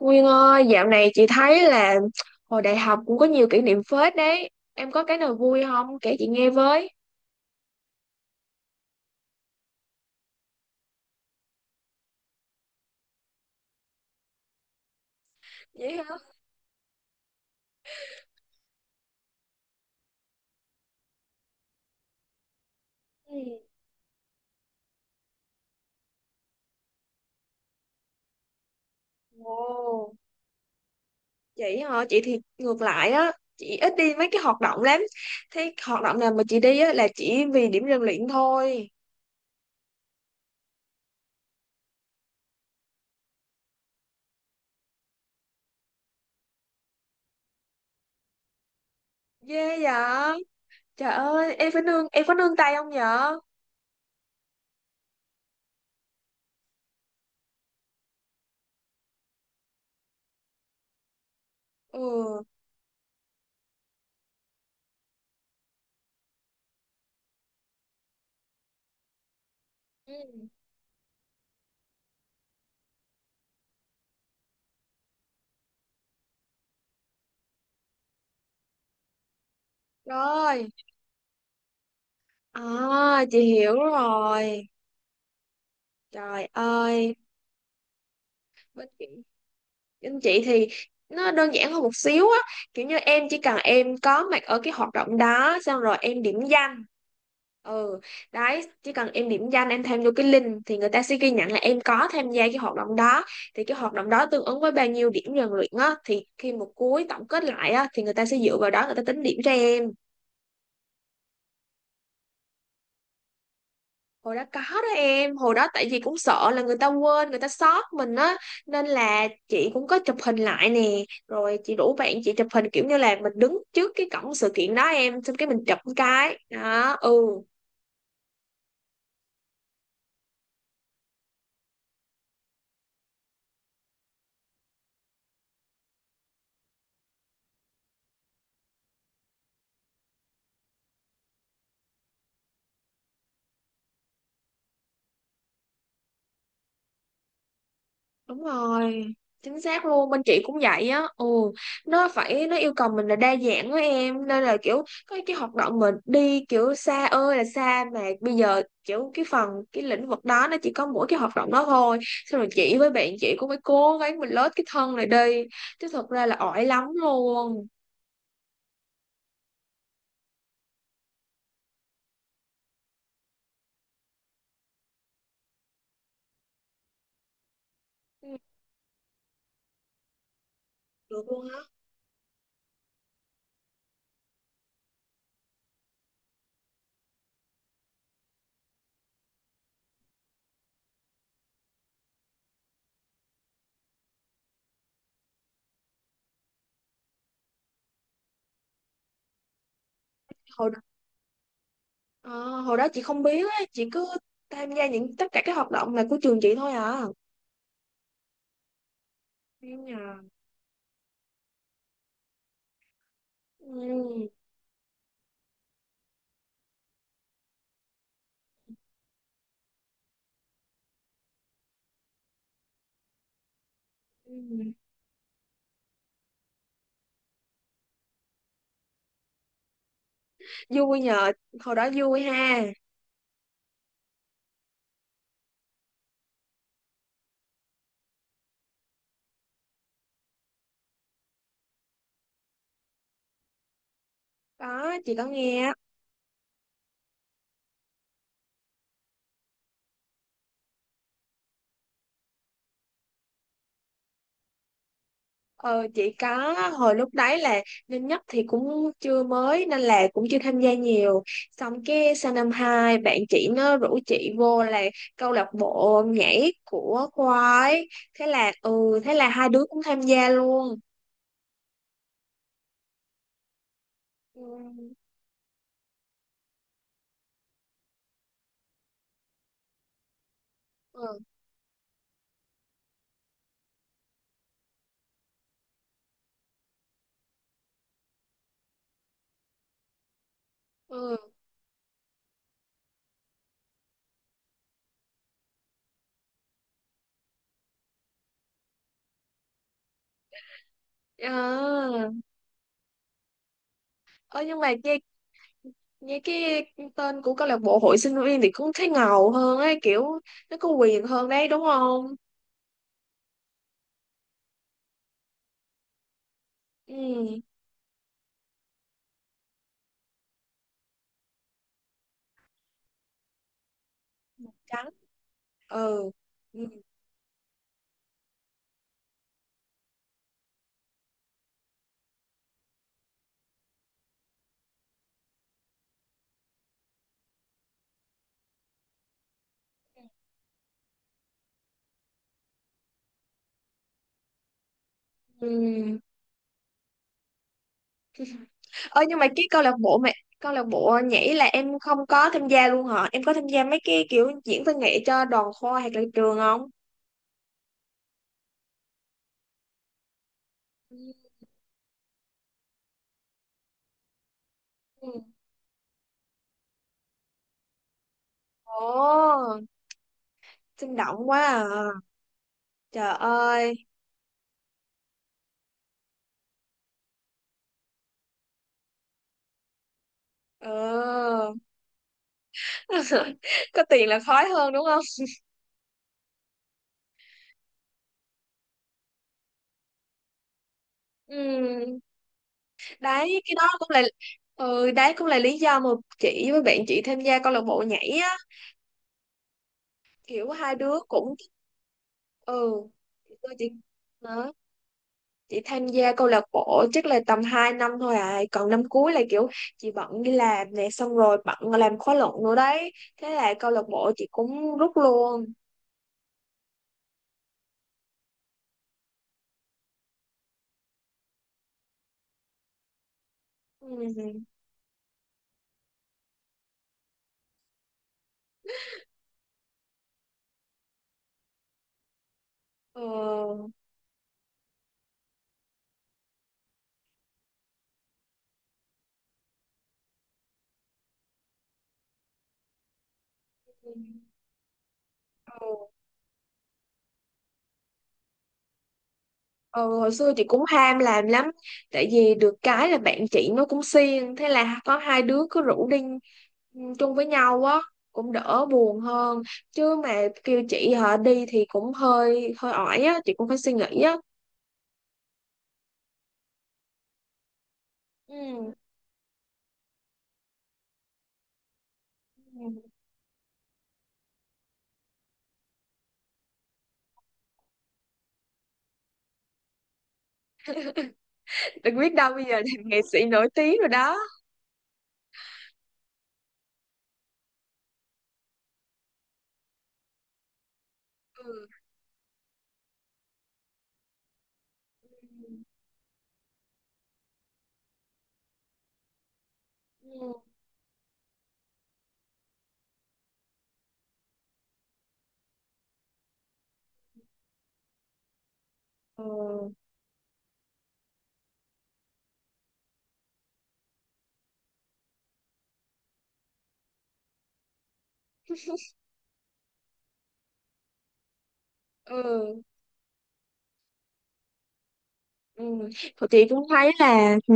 Nguyên ơi, dạo này chị thấy là hồi đại học cũng có nhiều kỷ niệm phết đấy. Em có cái nào vui không? Kể chị nghe với. Vậy hả? Ừ. Ồ, chị hả? Chị thì ngược lại á. Chị ít đi mấy cái hoạt động lắm. Thế hoạt động nào mà chị đi á là chỉ vì điểm rèn luyện thôi. Ghê vậy? Trời ơi, em có nương tay không vậy? Ừ. Ừ. Rồi. À, chị hiểu rồi. Trời ơi. Anh chị thì nó đơn giản hơn một xíu á, kiểu như em chỉ cần em có mặt ở cái hoạt động đó xong rồi em điểm danh. Ừ, đấy, chỉ cần em điểm danh em thêm vô cái link thì người ta sẽ ghi nhận là em có tham gia cái hoạt động đó, thì cái hoạt động đó tương ứng với bao nhiêu điểm rèn luyện á thì khi một cuối tổng kết lại á thì người ta sẽ dựa vào đó người ta tính điểm cho em. Hồi đó có đó em. Hồi đó tại vì cũng sợ là người ta quên người ta sót mình á, nên là chị cũng có chụp hình lại nè, rồi chị rủ bạn chị chụp hình kiểu như là mình đứng trước cái cổng sự kiện đó em, xong cái mình chụp một cái đó. Ừ. Đúng rồi, chính xác luôn, bên chị cũng vậy á. Ừ. Nó yêu cầu mình là đa dạng với em, nên là kiểu có cái hoạt động mình đi kiểu xa ơi là xa, mà bây giờ kiểu cái lĩnh vực đó nó chỉ có mỗi cái hoạt động đó thôi. Xong rồi chị với bạn chị cũng phải cố gắng mình lết cái thân này đi, chứ thật ra là ỏi lắm luôn. Ừ, được luôn á. Hồi ờ, hồi đó chị không biết á, chị cứ tham gia tất cả các hoạt động là của trường chị thôi à. Ừ. Nhờ. Ừ. Ừ. Vui nhờ. Hồi đó vui ha. Có, chị có nghe á. Ờ chị có, hồi lúc đấy là năm nhất thì cũng chưa mới nên là cũng chưa tham gia nhiều, xong cái sang năm hai bạn chị nó rủ chị vô là câu lạc bộ nhảy của khoa ấy, thế là hai đứa cũng tham gia luôn. Ừ. Ừ. Ừ. À. ờ nhưng mà nghe nghe cái tên của câu lạc bộ hội sinh viên thì cũng thấy ngầu hơn ấy, kiểu nó có quyền hơn đấy đúng không. Ừ. Màu trắng. Ừ. Ừ. Ừ. Ơ nhưng mà cái câu lạc bộ mà câu lạc bộ nhảy là em không có tham gia luôn hả, em có tham gia mấy cái kiểu diễn văn nghệ cho đoàn khoa hoặc là trường không? Ừ. Ồ, sinh động quá à. Trời ơi. Ừ. Có tiền là khói hơn đúng không? Ừ. Đấy, cái đó cũng là đấy, cũng là lý do mà chị với bạn chị tham gia câu lạc bộ nhảy á, kiểu hai đứa cũng ừ thì tôi chỉ đó. Chị tham gia câu lạc bộ chắc là tầm 2 năm thôi à, còn năm cuối là kiểu chị bận đi làm nè, xong rồi bận làm khóa luận nữa đấy, thế là câu lạc bộ chị cũng rút luôn. Ừ. Ừ. Ừ. Ừ, ừ. Ừ, hồi xưa chị cũng ham làm lắm, tại vì được cái là bạn chị nó cũng siêng, thế là có hai đứa cứ rủ đi, chung với nhau á, cũng đỡ buồn hơn, chứ mà kêu chị họ đi thì cũng hơi hơi ỏi á, chị cũng phải suy nghĩ á. Ừ. Đừng biết đâu bây giờ làm nghệ sĩ nổi tiếng rồi đó. Ừ. Ừ. Ừ. Ừ. Ừ. Thì chị cũng thấy là ừ,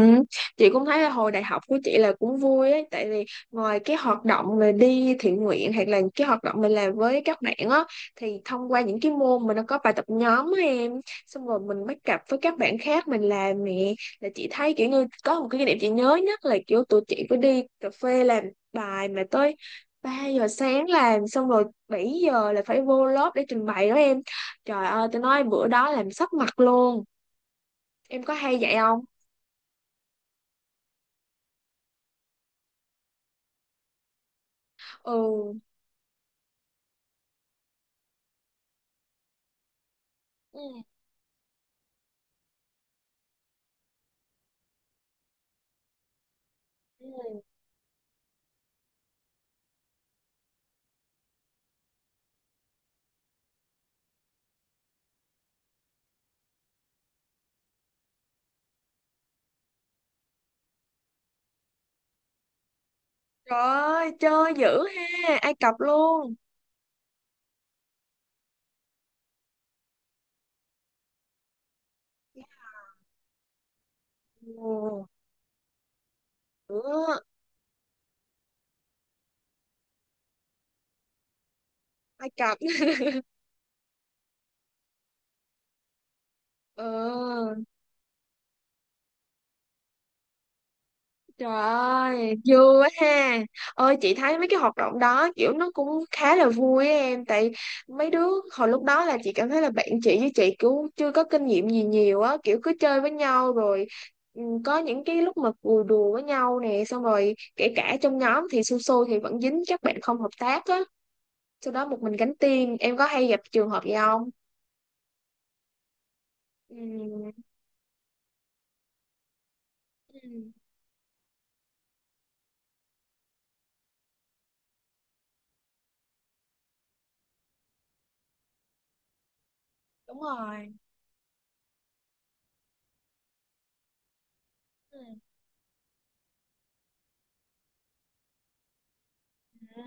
chị cũng thấy là hồi đại học của chị là cũng vui ấy, tại vì ngoài cái hoạt động mà đi thiện nguyện hoặc là cái hoạt động mình làm với các bạn á, thì thông qua những cái môn mà nó có bài tập nhóm á em, xong rồi mình bắt cặp với các bạn khác mình làm nè, là chị thấy kiểu như có một cái kỷ niệm chị nhớ nhất là kiểu tụi chị có đi cà phê làm bài mà tới 3 giờ sáng, làm xong rồi 7 giờ là phải vô lớp để trình bày đó em. Trời ơi, tôi nói bữa đó làm sấp mặt luôn. Em có hay vậy không? Ừ, ừ, ừ, trời ơi, chơi dữ ha, Ai Cập luôn. Ồ. Ừ. Ai Cập. Ừ, trời ơi, vui quá ha. Ơi, chị thấy mấy cái hoạt động đó kiểu nó cũng khá là vui á em. Tại mấy đứa hồi lúc đó là chị cảm thấy là bạn chị với chị cũng chưa có kinh nghiệm gì nhiều á. Kiểu cứ chơi với nhau rồi, có những cái lúc mà cười đùa với nhau nè. Xong rồi kể cả trong nhóm thì su su thì vẫn dính các bạn không hợp tác á, sau đó một mình gánh tiền. Em có hay gặp trường hợp gì không? Ừ. Ừ. Đúng rồi. Ừ. Ừ.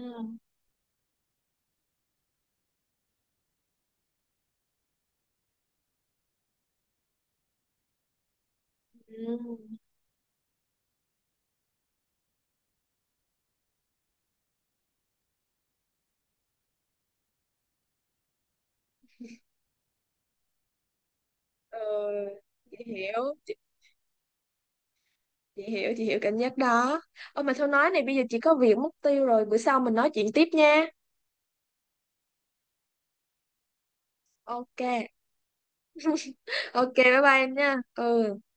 Ừ. Chị hiểu chị hiểu, chị hiểu cảm giác đó. Ôi mà thôi nói này, bây giờ chị có việc mất tiêu rồi, bữa sau mình nói chuyện tiếp nha. Ok. Ok, bye bye em nha. Ừ.